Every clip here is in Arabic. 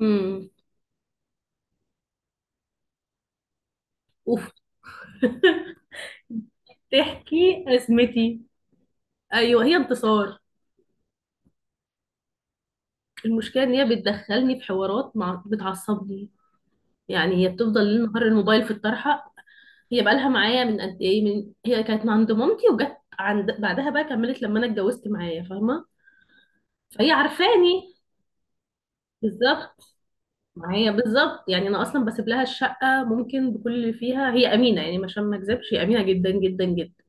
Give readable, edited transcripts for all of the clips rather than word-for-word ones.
امم اوف. تحكي ازمتي. ايوه هي انتصار. المشكله ان هي بتدخلني في حوارات بتعصبني، يعني هي بتفضل ليل نهار الموبايل في الطرحه. هي بقالها معايا من قد ايه، من هي كانت عند مامتي وجت عند بعدها بقى، كملت لما انا اتجوزت معايا، فاهمه؟ فهي عارفاني بالظبط، معايا بالظبط. يعني انا اصلا بسيب لها الشقه ممكن بكل اللي فيها، هي امينه يعني، عشان ما اكذبش هي امينه جدا جدا جدا.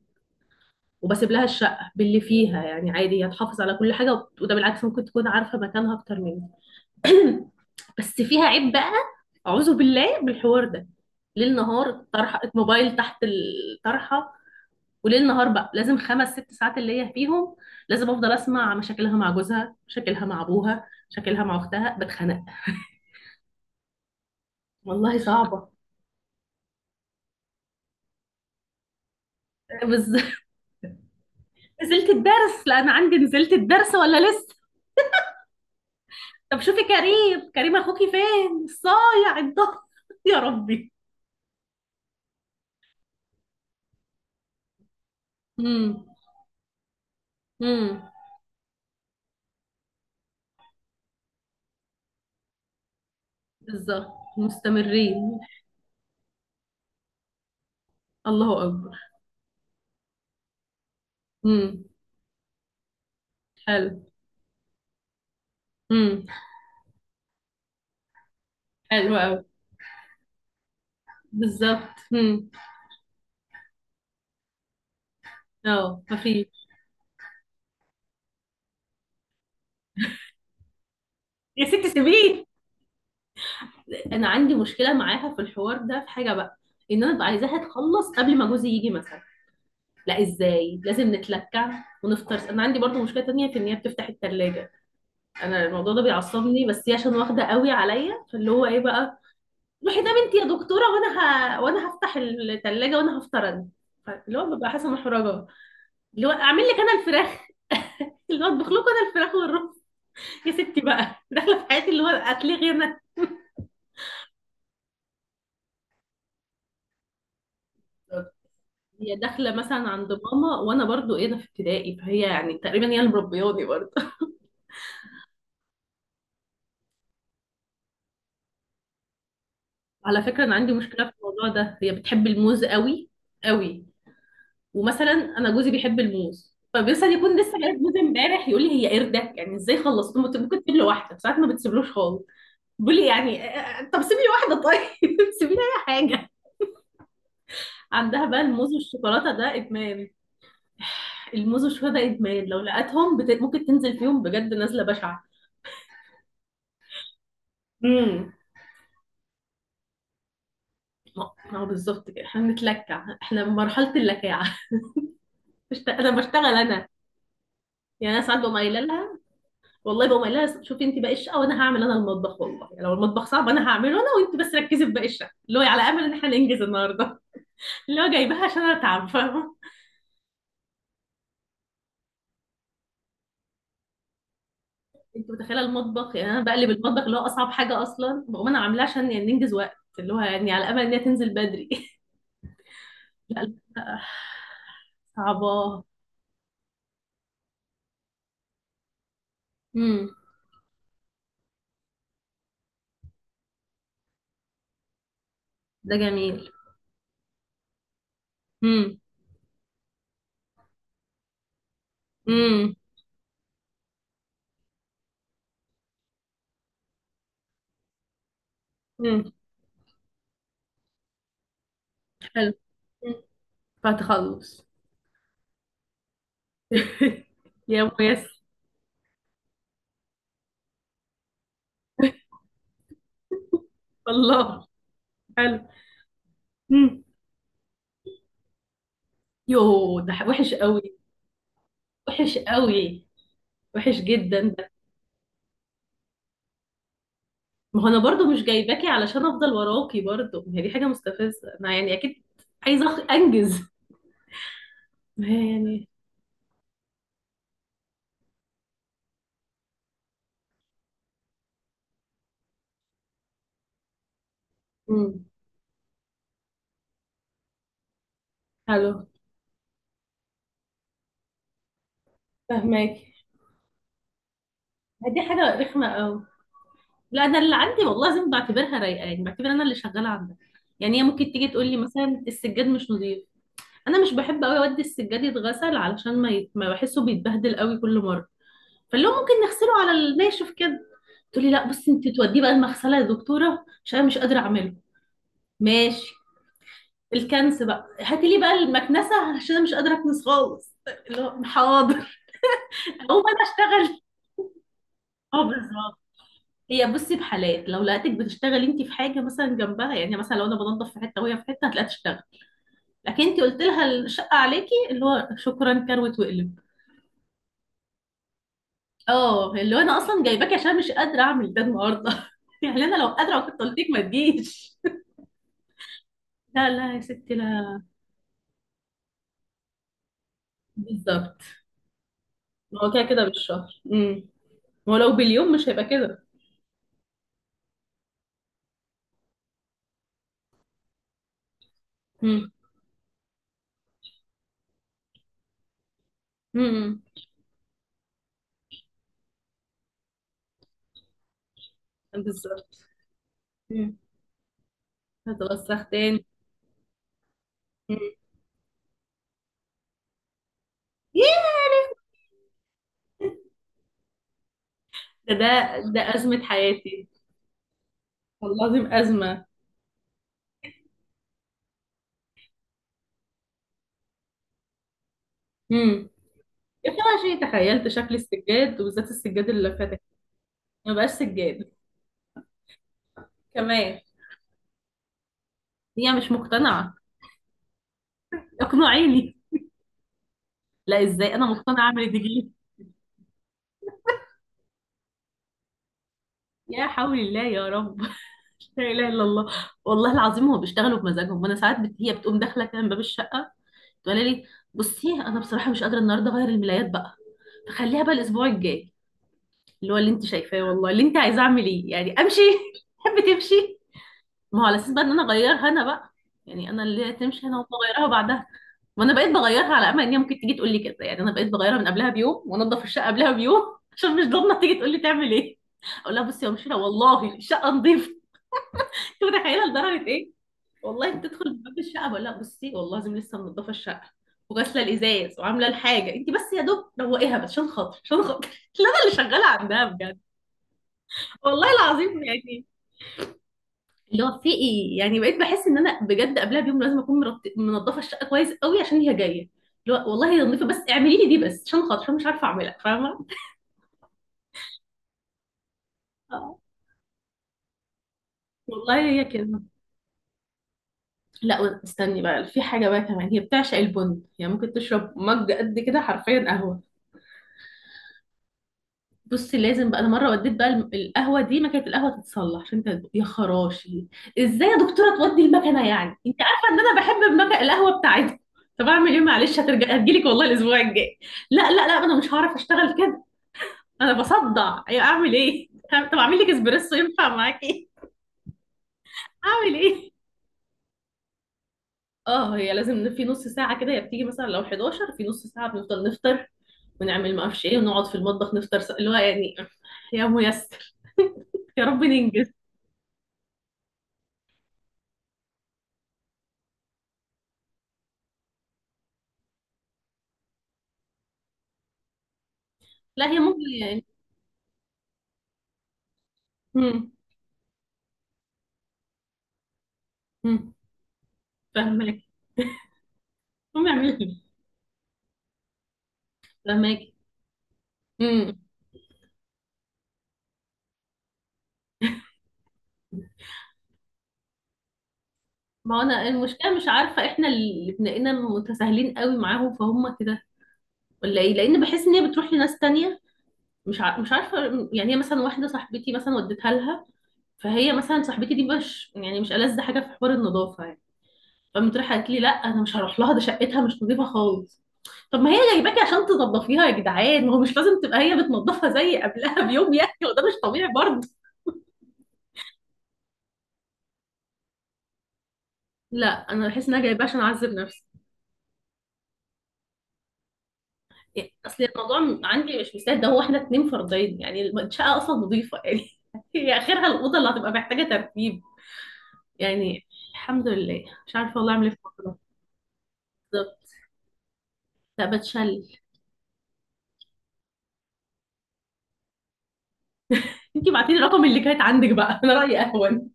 وبسيب لها الشقة باللي فيها يعني عادي، هي تحافظ على كل حاجة. وده بالعكس ممكن تكون عارفة مكانها أكتر مني. بس فيها عيب بقى، أعوذ بالله بالحوار ده. ليل نهار الطرحة الموبايل تحت الطرحة. وليل نهار بقى لازم خمس ست ساعات اللي هي فيهم لازم أفضل أسمع مشاكلها مع جوزها، مشاكلها مع أبوها، مشاكلها مع أختها، بتخنق. والله صعبة. بس نزلت الدرس، لا أنا عندي نزلت الدرس ولا لسه؟ طب شوفي كريم، كريم أخوكي فين الصايع الضهر؟ يا ربي. مم. امم بالظبط. مستمرين. الله اكبر. امم حلو. امم حلو قوي. بالظبط. اه مفيش. يا ست سيبيه. انا عندي مشكله معاها في الحوار ده، في حاجه بقى، ان انا ببقى عايزاها تخلص قبل ما جوزي يجي مثلا، لا ازاي، لازم نتلكع ونفطر. انا عندي برضو مشكله تانية في ان هي بتفتح التلاجة. انا الموضوع ده بيعصبني، بس هي عشان واخده قوي عليا، فاللي هو ايه بقى، روحي ده بنتي يا دكتوره وانا، وانا هفتح التلاجة وانا هفطر انا، اللي هو ببقى حاسه محرجه. اللي هو اعمل لك انا الفراخ اللي هو اطبخ لكم انا الفراخ والرز. يا ستي بقى داخله في حياتي، اللي هو هتلاقي انا، هي داخله مثلا عند ماما وانا برضو ايه، ده في ابتدائي، فهي يعني تقريبا هي اللي مربياني برضو. على فكره انا عندي مشكله في الموضوع ده، هي بتحب الموز قوي قوي. ومثلا انا جوزي بيحب الموز، فبيصل يكون لسه جايب موز امبارح يقول لي هي قردك، يعني ازاي خلصت؟ ممكن ممكن تسيب له واحده، ساعات ما بتسيبلوش خالص. بيقول لي يعني طب سيبي لي واحده طيب سيبي لي اي حاجه. عندها بقى الموز والشوكولاته ده ادمان. الموز والشهداء ادمان، لو لقتهم ممكن تنزل فيهم بجد نزله بشعه. امم ما هو بالظبط كده، احنا بنتلكع، احنا مرحله اللكاعه. انا بشتغل انا. يعني انا ساعات بقوم قايله لها، والله بقوم قايله لها شوفي انت باقي الشقه وانا هعمل انا المطبخ، والله يعني لو المطبخ صعب انا هعمله انا وانت بس ركزي في باقي الشقه، اللي هو على امل ان احنا ننجز النهارده. اللي هو جايباها عشان انا تعب، فاهمه؟ انت متخيله المطبخ؟ يعني انا بقلب المطبخ اللي هو اصعب حاجه اصلا، بقوم انا عاملاه عشان يعني ننجز وقت، اللي هو يعني على امل ان هي تنزل بدري. لا لا لا. صعبة. امم ده جميل. امم امم امم حلو. مم. فتخلص. يا ميسر. الله. حلو. امم يو ده وحش قوي. وحش قوي. وحش جدا ده. ما هو انا برضو مش جايباكي علشان افضل وراكي برضو، ما هي دي حاجة مستفزة انا يعني اكيد. عايزة انجز. ما هي يعني. امم حلو. فهماكي. ما دي حاجة رخمة قوي. لا انا اللي عندي والله لازم بعتبرها رايقه، يعني بعتبر انا اللي شغاله عندها. يعني هي ممكن تيجي تقول لي مثلا السجاد مش نظيف، انا مش بحب قوي اودي السجاد يتغسل علشان ما بحسه بيتبهدل قوي كل مره، فاللي هو ممكن نغسله على الناشف كده. تقول لي لا بصي انت توديه بقى المغسله يا دكتوره عشان انا مش قادره اعمله. ماشي. الكنس بقى هاتي لي بقى المكنسه عشان انا مش قادره اكنس خالص. اللي هو حاضر. اقوم انا اشتغل. اه بالظبط. هي بصي بحالات لو لقيتك بتشتغلي انت في حاجه مثلا جنبها، يعني مثلا لو انا بنضف في حته وهي في حته هتلاقيها تشتغل، لكن انت قلت لها الشقه عليكي، اللي هو شكرا كروت وقلب. اه اللي هو انا اصلا جايباكي عشان مش قادره اعمل ده النهارده. يعني انا لو قادره كنت قلت لك ما تجيش. لا لا يا ستي لا. بالظبط. ما هو كده كده بالشهر. هو لو باليوم مش هيبقى كده. امم امم بالظبط. امم هتوسخ تاني. امم ياه. ده ازمه حياتي. والله العظيم ازمه. امم في شيء، تخيلت شكل السجاد، وبالذات السجاد اللي فاتك. ما بقاش سجاد. كمان. هي مش مقتنعة. اقنعيني. لا ازاي انا مقتنعة اعمل دي؟ يا حول الله، يا رب لا اله الا الله. والله العظيم هو بيشتغلوا بمزاجهم، وانا ساعات هي بتقوم داخله كده من باب الشقه تقول لي بصي انا بصراحه مش قادره النهارده اغير الملايات بقى، فخليها بقى الاسبوع الجاي، اللي هو اللي انت شايفاه والله، اللي انت عايزه اعمل ايه يعني، امشي. تحب تمشي. ما هو على اساس بقى ان انا اغيرها انا بقى، يعني انا اللي هي تمشي انا وأقوم اغيرها بعدها. ما انا بقيت بغيرها على امل ان هي ممكن تيجي تقول لي كده، يعني انا بقيت بغيرها من قبلها بيوم وانضف الشقه قبلها بيوم عشان مش ضامنه تيجي تقول لي تعمل ايه. اقول لها بصي يا مشيره والله الشقه نظيفه. انت متخيله لدرجه ايه؟ والله بتدخل باب الشقه بقول لها بصي والله لازم لسه منضفه الشقه وغاسله الازاز وعامله الحاجه، انت بس يا دوب روقيها بس عشان خاطر، عشان خاطر. لا انا اللي شغاله عندها بجد، والله العظيم يعني. اللي هو في ايه يعني، بقيت بحس ان انا بجد قبلها بيوم لازم اكون منضفه الشقه كويس قوي عشان هي جايه. اللي هو والله هي نظيفه بس اعملي لي دي بس عشان خاطر، عشان مش عارفه اعملها، فاهمه؟ آه. والله هي كده. لا استني بقى، في حاجه بقى كمان، هي بتعشق البن، يعني ممكن تشرب مج قد كده حرفيا قهوه. بصي لازم بقى انا مره وديت بقى القهوه دي، مكنه القهوه تتصلح، عشان انت يا خراشي ازاي يا دكتوره تودي المكنه؟ يعني انت عارفه ان انا بحب المكنه القهوه بتاعتكم. طب اعمل ايه معلش، هترجع هتجيلك والله الاسبوع الجاي. لا لا لا انا مش هعرف اشتغل كده، انا بصدع، ايوه اعمل ايه. طب اعمل لك اسبريسو، ينفع معاكي؟ اعمل ايه. اه هي لازم في نص ساعه كده هي بتيجي، مثلا لو 11 في نص ساعه بنفضل نفطر، ونعمل ما اعرفش ايه، ونقعد في المطبخ نفطر، اللي هو يعني. يا ميسر، يا رب ننجز. لا هي ممكن. امم امم فاهمك. فاهمك. فاهمك. امم ما هو انا المشكله مش عارفه، احنا اللي بنلاقينا متساهلين قوي معاهم فهم كده، ولا ايه، لان بحس ان هي بتروح لناس تانية، مش عارفه. يعني هي مثلا واحده صاحبتي مثلا وديتها لها، فهي مثلا صاحبتي دي مش يعني مش ألذ حاجه في حوار النظافه يعني، فقامت رايحه قالت لي لا انا مش هروح لها ده شقتها مش نظيفه خالص. طب ما هي جايباكي عشان تنظفيها يا جدعان، ما هو مش لازم تبقى هي بتنظفها زي قبلها بيوم يعني، وده مش طبيعي برضه. لا انا بحس ان انا جايباها عشان اعذب نفسي، يعني اصل الموضوع عندي مش مستاهل ده، هو احنا اتنين فردين يعني، الشقه اصلا نظيفه يعني. هي اخرها الاوضه اللي هتبقى محتاجه ترتيب. يعني الحمد لله مش عارفه والله اعمل ايه في الموضوع ده. بالظبط. لا بتشل. انتي بعتي لي الرقم اللي كانت عندك بقى، انا رايي اهون.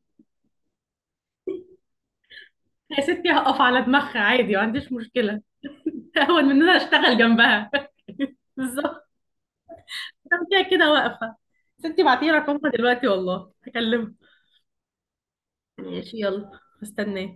يا ستي هقف على دماغها عادي، ما عنديش مشكله، اهون من ان انا اشتغل جنبها. بالظبط. انا كده كده واقفه. ستي بعتي لي رقمها دلوقتي والله هكلمها. ماشي يلا مستنيه.